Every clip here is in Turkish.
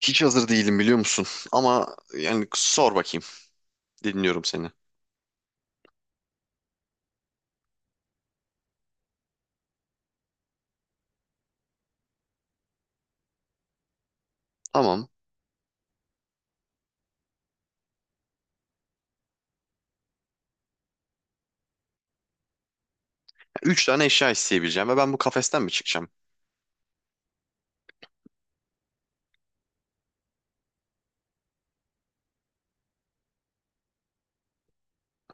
Hiç hazır değilim biliyor musun? Ama yani sor bakayım. Dinliyorum seni. Tamam. Üç tane eşya isteyebileceğim ve ben bu kafesten mi çıkacağım?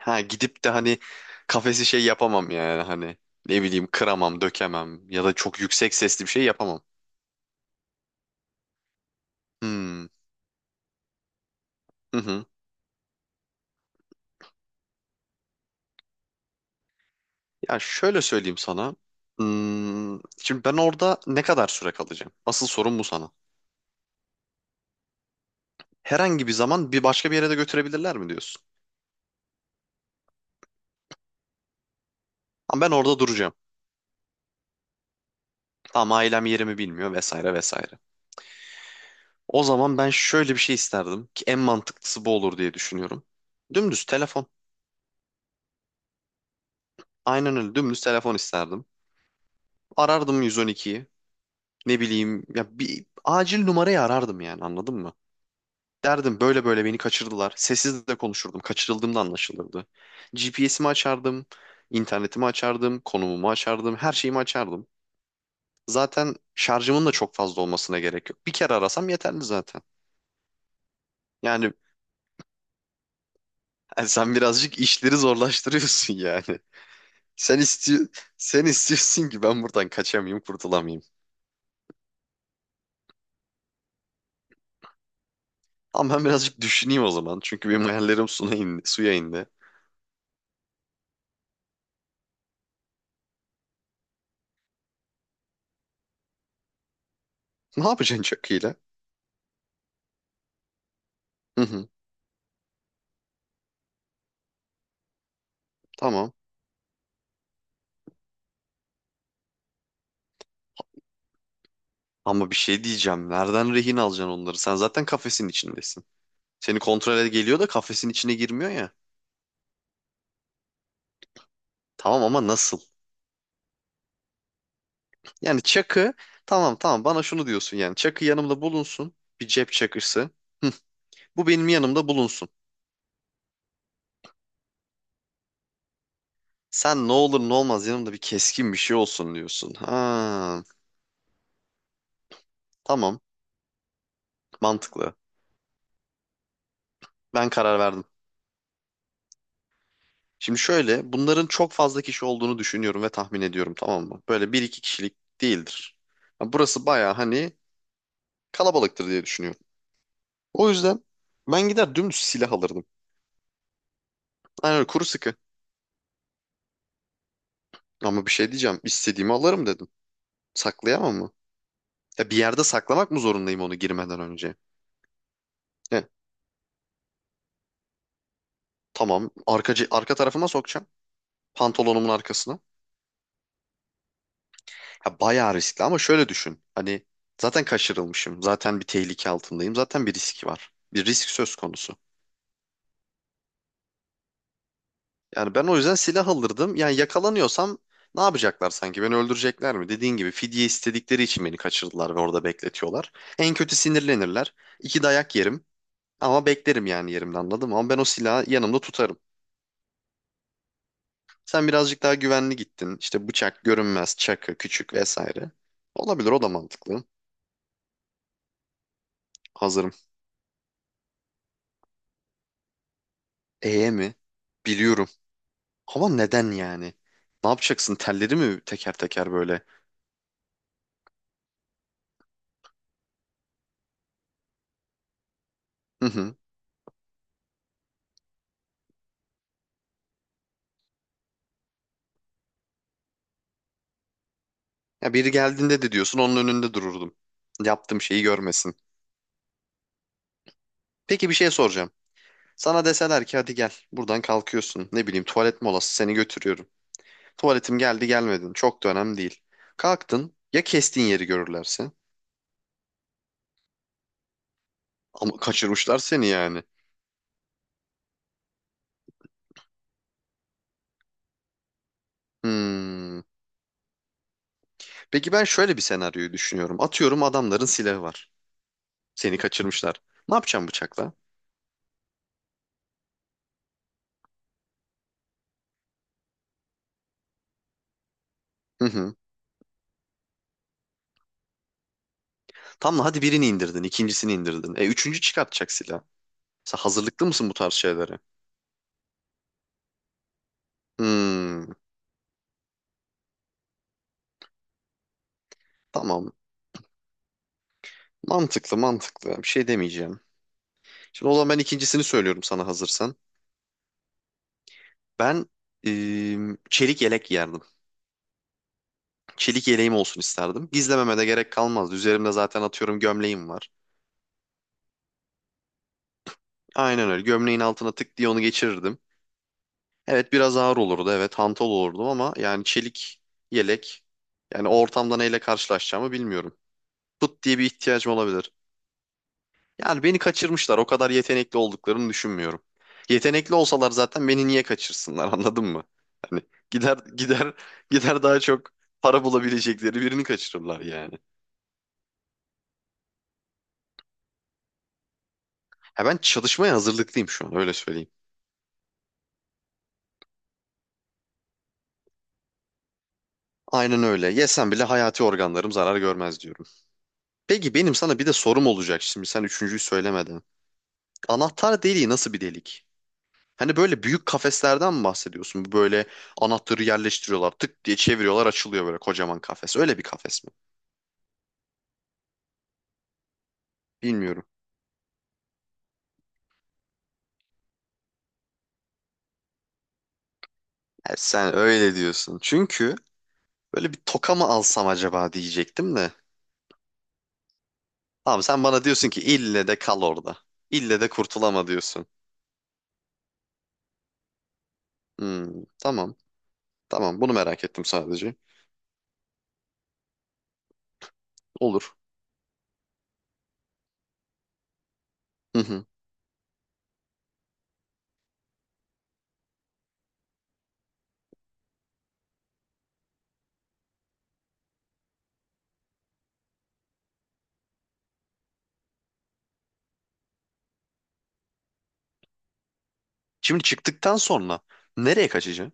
Ha gidip de hani kafesi şey yapamam yani hani ne bileyim kıramam, dökemem ya da çok yüksek sesli bir şey yapamam. Hmm. Hı hı. Ya şöyle söyleyeyim sana. Şimdi ben orada ne kadar süre kalacağım? Asıl sorun bu sana. Herhangi bir zaman bir başka bir yere de götürebilirler mi diyorsun? Ama ben orada duracağım. Ama ailem yerimi bilmiyor vesaire vesaire. O zaman ben şöyle bir şey isterdim ki en mantıklısı bu olur diye düşünüyorum. Dümdüz telefon. Aynen öyle dümdüz telefon isterdim. Arardım 112'yi. Ne bileyim ya bir acil numarayı arardım yani anladın mı? Derdim böyle böyle beni kaçırdılar. Sessiz de konuşurdum. Kaçırıldığımda anlaşılırdı. GPS'imi açardım. İnternetimi açardım. Konumumu açardım. Her şeyimi açardım. Zaten şarjımın da çok fazla olmasına gerek yok. Bir kere arasam yeterli zaten. Yani yani sen birazcık işleri zorlaştırıyorsun yani. Sen istiyor, sen istiyorsun ki ben buradan kaçamayayım, kurtulamayayım. Ama ben birazcık düşüneyim o zaman. Çünkü benim hayallerim suya indi. Suya indi. Ne yapacaksın çakıyla? Hı hı, tamam. Ama bir şey diyeceğim. Nereden rehin alacaksın onları? Sen zaten kafesin içindesin. Seni kontrole geliyor da kafesin içine girmiyor ya. Tamam ama nasıl? Yani çakı tamam tamam bana şunu diyorsun yani. Çakı yanımda bulunsun. Bir cep çakısı. Bu benim yanımda bulunsun. Sen ne olur ne olmaz yanımda bir keskin bir şey olsun diyorsun. Ha, tamam, mantıklı. Ben karar verdim. Şimdi şöyle, bunların çok fazla kişi olduğunu düşünüyorum ve tahmin ediyorum, tamam mı? Böyle bir iki kişilik değildir. Ya burası baya hani kalabalıktır diye düşünüyorum. O yüzden ben gider dümdüz silah alırdım. Aynen öyle, kuru sıkı. Ama bir şey diyeceğim, istediğimi alırım dedim. Saklayamam mı? Ya bir yerde saklamak mı zorundayım onu girmeden önce? He, tamam, arka tarafıma sokacağım. Pantolonumun arkasına. Ya bayağı riskli ama şöyle düşün. Hani zaten kaçırılmışım, zaten bir tehlike altındayım, zaten bir risk var. Bir risk söz konusu. Yani ben o yüzden silah alırdım. Yani yakalanıyorsam ne yapacaklar sanki? Beni öldürecekler mi? Dediğin gibi fidye istedikleri için beni kaçırdılar ve orada bekletiyorlar. En kötü sinirlenirler. İki dayak yerim. Ama beklerim yani yerimde, anladın. Ama ben o silahı yanımda tutarım. Sen birazcık daha güvenli gittin. İşte bıçak, görünmez, çakı, küçük vesaire. Olabilir, o da mantıklı. Hazırım. Mi? Biliyorum. Ama neden yani? Ne yapacaksın? Telleri mi teker teker böyle? Ya biri geldiğinde de diyorsun onun önünde dururdum. Yaptığım şeyi görmesin. Peki bir şey soracağım. Sana deseler ki hadi gel, buradan kalkıyorsun. Ne bileyim tuvalet molası, seni götürüyorum. Tuvaletim geldi gelmedin çok da önemli değil. Kalktın ya, kestiğin yeri görürlerse? Ama kaçırmışlar seni yani. Hmm. Peki ben şöyle bir senaryoyu düşünüyorum. Atıyorum adamların silahı var. Seni kaçırmışlar. Ne yapacağım bıçakla? Hı hı. Tamam, hadi birini indirdin, ikincisini indirdin. E üçüncü çıkartacak silah. Sen hazırlıklı mısın bu tarz şeylere? Hmm. Tamam. Mantıklı, mantıklı. Bir şey demeyeceğim. Şimdi o zaman ben ikincisini söylüyorum sana, hazırsan. Ben Çelik yelek giyerdim. Çelik yeleğim olsun isterdim. Gizlememe de gerek kalmazdı. Üzerimde zaten atıyorum gömleğim var. Aynen öyle. Gömleğin altına tık diye onu geçirirdim. Evet biraz ağır olurdu. Evet hantal olurdum ama yani çelik yelek. Yani o ortamda neyle karşılaşacağımı bilmiyorum. Pıt diye bir ihtiyacım olabilir. Yani beni kaçırmışlar. O kadar yetenekli olduklarını düşünmüyorum. Yetenekli olsalar zaten beni niye kaçırsınlar anladın mı? Hani gider gider gider daha çok para bulabilecekleri birini kaçırırlar yani. Ha ben çalışmaya hazırlıklıyım şu an, öyle söyleyeyim. Aynen öyle. Yesem bile hayati organlarım zarar görmez diyorum. Peki benim sana bir de sorum olacak şimdi, sen üçüncüyü söylemeden. Anahtar deliği nasıl bir delik? Hani böyle büyük kafeslerden mi bahsediyorsun? Bu böyle anahtarı yerleştiriyorlar, tık diye çeviriyorlar, açılıyor böyle kocaman kafes. Öyle bir kafes mi? Bilmiyorum. Ha, sen öyle diyorsun. Çünkü böyle bir toka mı alsam acaba diyecektim de. Tamam, sen bana diyorsun ki ille de kal orada. İlle de kurtulama diyorsun. Hmm, tamam. Tamam, bunu merak ettim sadece. Olur. Hı hı. Şimdi çıktıktan sonra nereye kaçacaksın?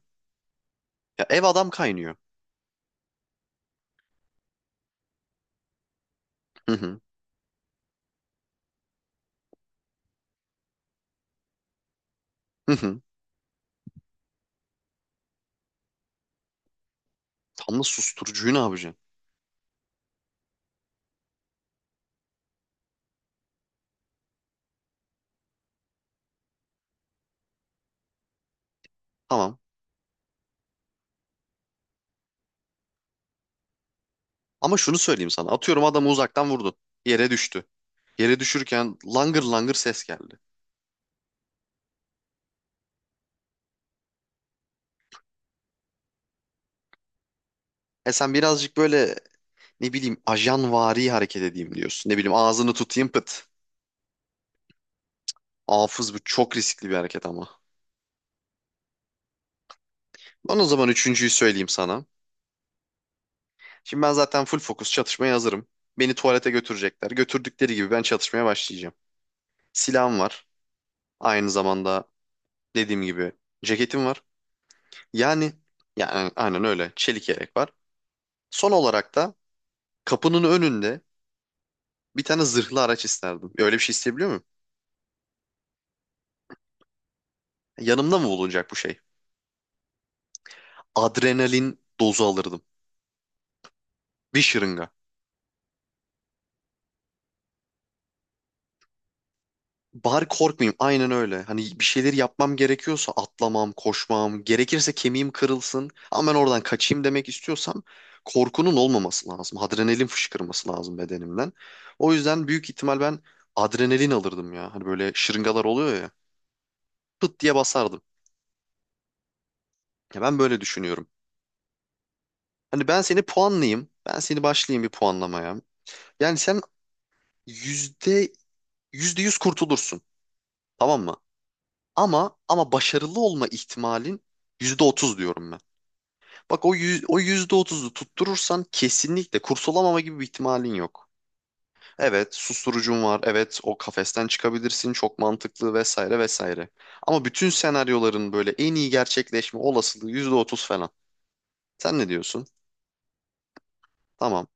Ya ev adam kaynıyor. Hı hı. Hı hı. Tam da susturucuyu ne yapacaksın? Tamam. Ama şunu söyleyeyim sana. Atıyorum adamı uzaktan vurdun. Yere düştü. Yere düşürken langır langır ses geldi. E sen birazcık böyle ne bileyim ajanvari hareket edeyim diyorsun. Ne bileyim ağzını tutayım, pıt. Hafız, bu çok riskli bir hareket ama. Ben o zaman üçüncüyü söyleyeyim sana. Şimdi ben zaten full fokus çatışmaya hazırım. Beni tuvalete götürecekler. Götürdükleri gibi ben çatışmaya başlayacağım. Silahım var. Aynı zamanda dediğim gibi ceketim var. Yani yani aynen öyle. Çelik yelek var. Son olarak da kapının önünde bir tane zırhlı araç isterdim. Öyle bir şey isteyebiliyor muyum? Yanımda mı bulunacak bu şey? Adrenalin dozu alırdım. Bir şırınga. Bari korkmayayım. Aynen öyle. Hani bir şeyleri yapmam gerekiyorsa, atlamam, koşmam, gerekirse kemiğim kırılsın ama ben oradan kaçayım demek istiyorsam, korkunun olmaması lazım. Adrenalin fışkırması lazım bedenimden. O yüzden büyük ihtimal ben adrenalin alırdım ya. Hani böyle şırıngalar oluyor ya. Pıt diye basardım. Ya ben böyle düşünüyorum. Hani ben seni puanlayayım. Ben seni başlayayım bir puanlamaya. Yani sen yüzde yüzde yüz kurtulursun. Tamam mı? Ama başarılı olma ihtimalin %30 diyorum ben. Bak o yüz, o %30'u tutturursan kesinlikle kurtulamama gibi bir ihtimalin yok. Evet, susturucun var. Evet, o kafesten çıkabilirsin. Çok mantıklı vesaire vesaire. Ama bütün senaryoların böyle en iyi gerçekleşme olasılığı %30 falan. Sen ne diyorsun? Tamam.